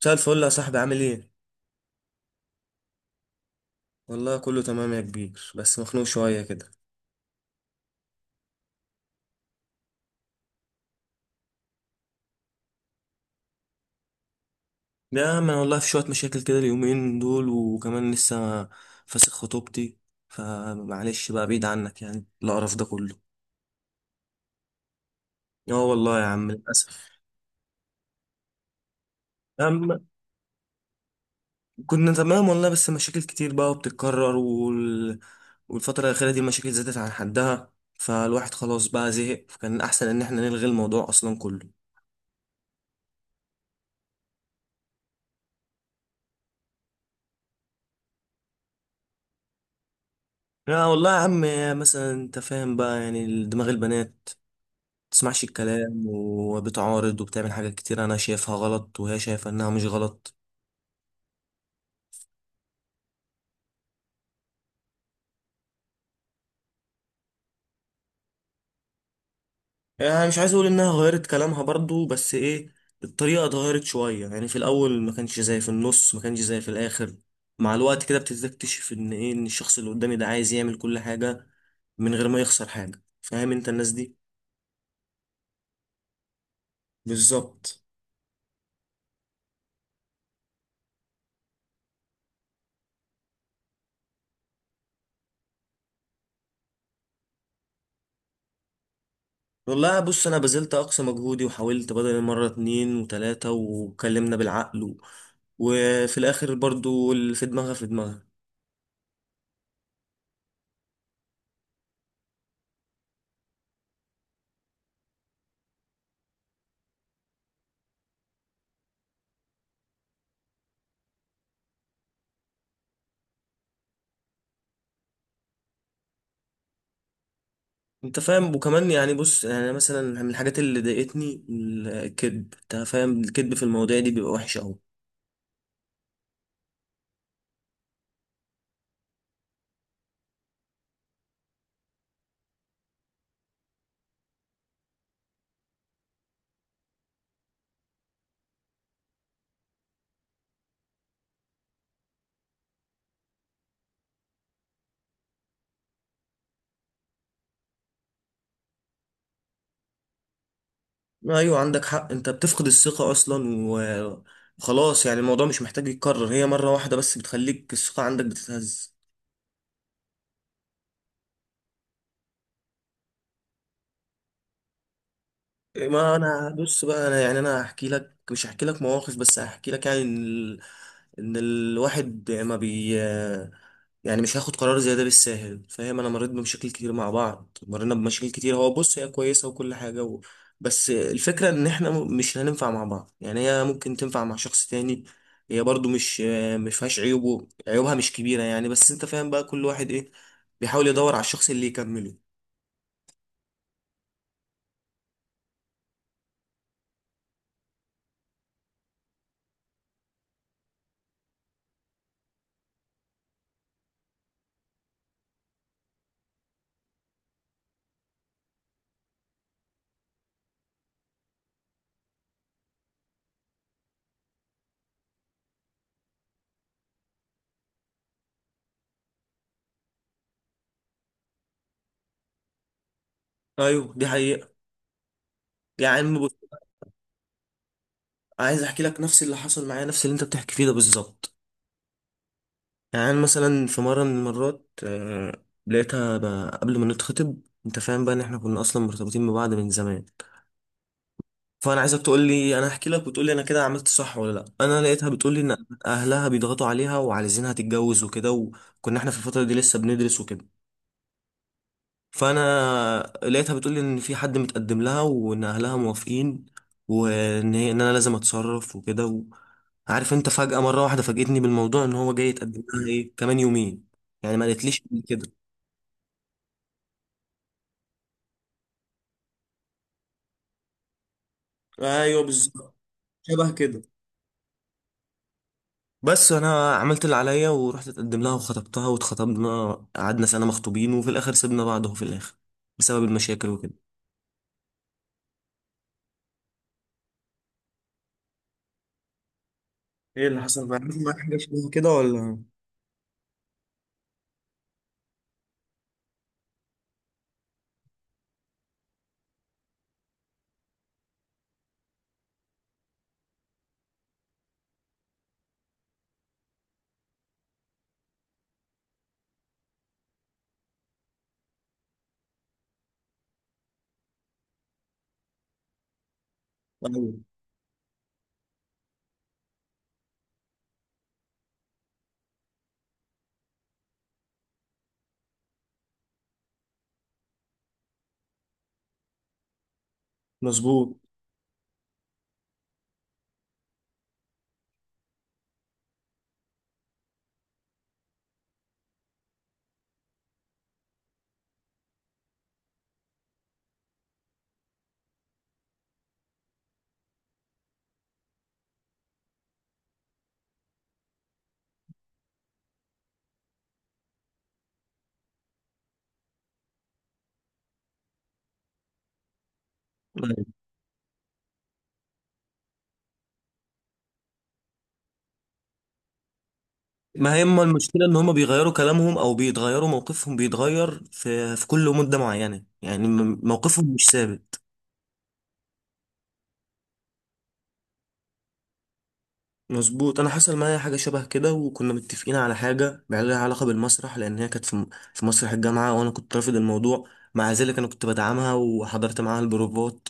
مساء الفل يا صاحبي، عامل ايه؟ والله كله تمام يا كبير، بس مخنوق شوية كده. يا عم انا والله في شوية مشاكل كده اليومين دول، وكمان لسه فاسخ خطوبتي، فمعلش بقى بعيد عنك يعني القرف ده كله. اه والله يا عم للأسف. يا عم كنا تمام والله، بس مشاكل كتير بقى وبتتكرر والفترة الأخيرة دي المشاكل زادت عن حدها، فالواحد خلاص بقى زهق، فكان أحسن إن احنا نلغي الموضوع أصلا كله. لا والله يا عم، مثلا انت فاهم بقى يعني دماغ البنات، تسمعش الكلام وبتعارض وبتعمل حاجات كتير انا شايفها غلط وهي شايفة انها مش غلط. يعني مش عايز اقول انها غيرت كلامها برضو، بس ايه، الطريقه اتغيرت شويه، يعني في الاول ما كانش زي في النص، ما كانش زي في الاخر. مع الوقت كده بتكتشف ان ايه، ان الشخص اللي قدامي ده عايز يعمل كل حاجه من غير ما يخسر حاجه، فاهم انت الناس دي؟ بالظبط. والله بص، انا بذلت اقصى مجهودي وحاولت بدل مره اتنين وتلاته، واتكلمنا بالعقل وفي الاخر برضو اللي في دماغها في دماغها. انت فاهم، وكمان يعني بص، يعني مثلا من الحاجات اللي ضايقتني الكذب، انت فاهم الكذب في المواضيع دي بيبقى وحش قوي. ايوه عندك حق، انت بتفقد الثقة اصلا وخلاص، يعني الموضوع مش محتاج يتكرر، هي مرة واحدة بس بتخليك الثقة عندك بتتهز. ما انا بص بقى، انا يعني انا هحكي لك، مش هحكي لك مواقف، بس هحكي لك يعني ان ان الواحد ما بي يعني مش هاخد قرار زي ده بالساهل، فاهم؟ انا مريت بمشاكل كتير مع بعض، مرينا بمشاكل كتير، هو بص هي كويسة وكل حاجة بس الفكرة ان احنا مش هننفع مع بعض، يعني هي ممكن تنفع مع شخص تاني. هي برضو مش فيهاش عيوب عيوبها مش كبيرة يعني، بس انت فاهم بقى كل واحد ايه، بيحاول يدور على الشخص اللي يكمله. ايوه دي حقيقة. يعني عايز احكي لك نفس اللي حصل معايا، نفس اللي انت بتحكي فيه ده بالظبط. يعني أنا مثلا في مره من المرات لقيتها قبل ما نتخطب. انت فاهم بقى ان احنا كنا اصلا مرتبطين ببعض من زمان. فانا عايزك تقول لي، انا احكي لك وتقول لي انا كده عملت صح ولا لا. انا لقيتها بتقول لي ان اهلها بيضغطوا عليها وعايزينها تتجوز وكده، وكنا احنا في الفتره دي لسه بندرس وكده. فانا لقيتها بتقول لي ان في حد متقدم لها وان اهلها موافقين، وان هي ان انا لازم اتصرف وكده عارف انت، فجأة مرة واحدة فاجئتني بالموضوع ان هو جاي يتقدم لها ايه كمان يومين. يعني ما قالتليش قبل كده. ايوه بالظبط. شبه كده. بس انا عملت اللي عليا ورحت اتقدم لها وخطبتها واتخطبنا، قعدنا سنة مخطوبين، وفي الاخر سيبنا بعض اهو، في الاخر بسبب المشاكل وكده. ايه اللي حصل معاك، حاجة شبه كده ولا؟ ايوه مظبوط. ما هي اما المشكله ان هم بيغيروا كلامهم او بيتغيروا، موقفهم بيتغير في كل مده معينه، يعني موقفهم مش ثابت. مظبوط، انا حصل معايا حاجه شبه كده، وكنا متفقين على حاجه بقى لها علاقه بالمسرح، لان هي كانت في في مسرح الجامعه، وانا كنت رافض الموضوع. مع ذلك انا كنت بدعمها وحضرت معاها البروفات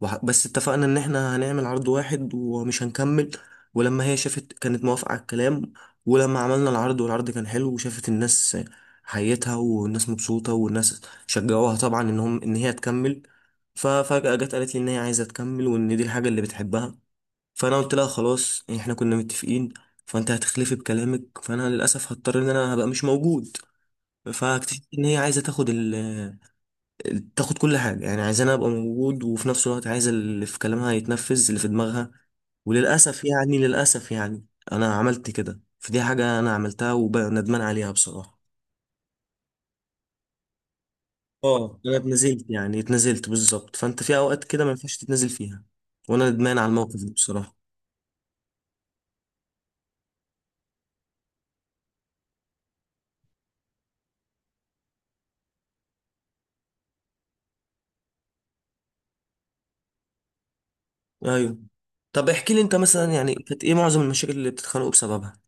بس اتفقنا ان احنا هنعمل عرض واحد ومش هنكمل. ولما هي شافت كانت موافقه على الكلام، ولما عملنا العرض والعرض كان حلو وشافت الناس حيتها والناس مبسوطه والناس شجعوها طبعا، ان هم ان هي تكمل. ففجاه جت قالت لي ان هي عايزه تكمل، وان دي الحاجه اللي بتحبها. فانا قلت لها خلاص، يعني احنا كنا متفقين، فانت هتخلفي بكلامك، فانا للاسف هضطر ان انا هبقى مش موجود. فاكتشفت ان هي عايزه تاخد كل حاجه، يعني عايزاني ابقى موجود، وفي نفس الوقت عايزه اللي في كلامها يتنفذ اللي في دماغها. وللاسف يعني للاسف يعني انا عملت كده، فدي حاجه انا عملتها وندمان عليها بصراحه. اه انا اتنزلت، يعني اتنزلت بالظبط، فانت في اوقات كده ما ينفعش تتنزل فيها. وانا ندمان على الموقف ده بصراحه. ايوه، طب احكي لي انت مثلا، يعني كانت ايه معظم المشاكل اللي بتتخانقوا بسببها؟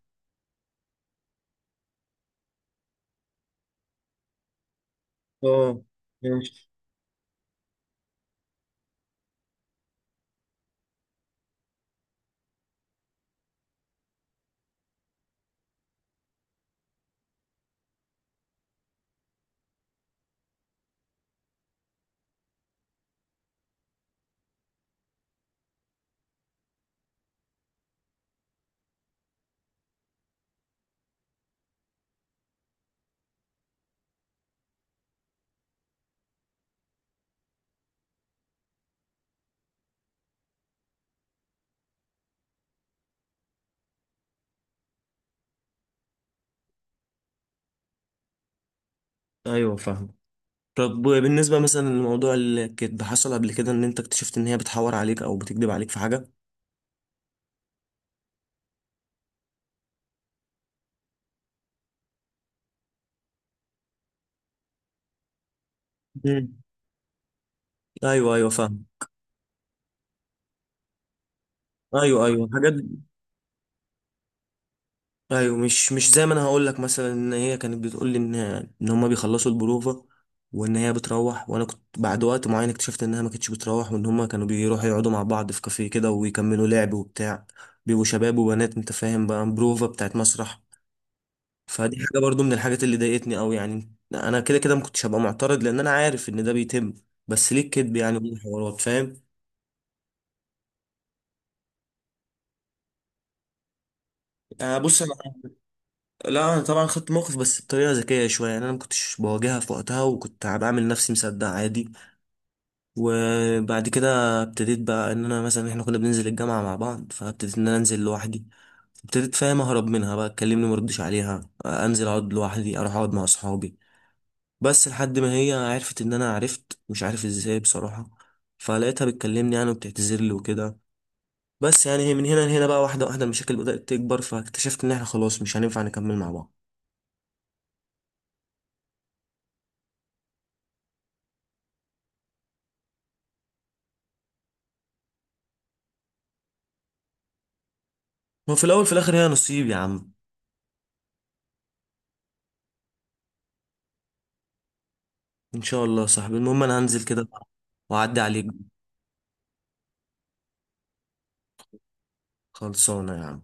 اه ماشي. ايوه فاهم. طب بالنسبة مثلا لموضوع الكذب، حصل قبل كده ان انت اكتشفت ان هي بتحور عليك او بتكذب عليك في حاجة؟ مم. ايوه، ايوه، فاهم. ايوه، ايوه، حاجات. ايوه، مش زي ما انا هقول لك مثلا، ان هي كانت بتقول لي ان ان هما بيخلصوا البروفه وان هي بتروح، وانا كنت بعد وقت معين اكتشفت انها ما كانتش بتروح، وان هما كانوا بيروحوا يقعدوا مع بعض في كافيه كده ويكملوا لعب وبتاع. بيبقوا شباب وبنات، انت فاهم بقى، بروفه بتاعت مسرح. فدي حاجه برضو من الحاجات اللي ضايقتني قوي، يعني انا كده كده ما كنتش هبقى معترض لان انا عارف ان ده بيتم، بس ليه الكذب يعني وليه الحوارات، فاهم؟ آه بص انا لا انا طبعا خدت موقف بس بطريقه ذكيه شويه، يعني انا ما كنتش بواجهها في وقتها، وكنت بعمل نفسي مصدق عادي. وبعد كده ابتديت بقى ان انا مثلا احنا كنا بننزل الجامعة مع بعض، فابتديت ان انا انزل لوحدي. ابتديت فاهم اهرب منها بقى، تكلمني مردش عليها، انزل اقعد لوحدي، اروح اقعد مع اصحابي. بس لحد ما هي عرفت ان انا عرفت، مش عارف ازاي بصراحة. فلقيتها بتكلمني يعني وبتعتذر لي وكده. بس يعني هي من هنا لهنا بقى، واحدة واحدة المشاكل بدأت تكبر، فاكتشفت ان احنا خلاص مش هينفع نكمل مع بعض. وفي الاول في الاخر هي نصيب يا عم. ان شاء الله يا صاحبي، المهم انا هنزل كده بقى واعدي عليك. خلصانة يا عم.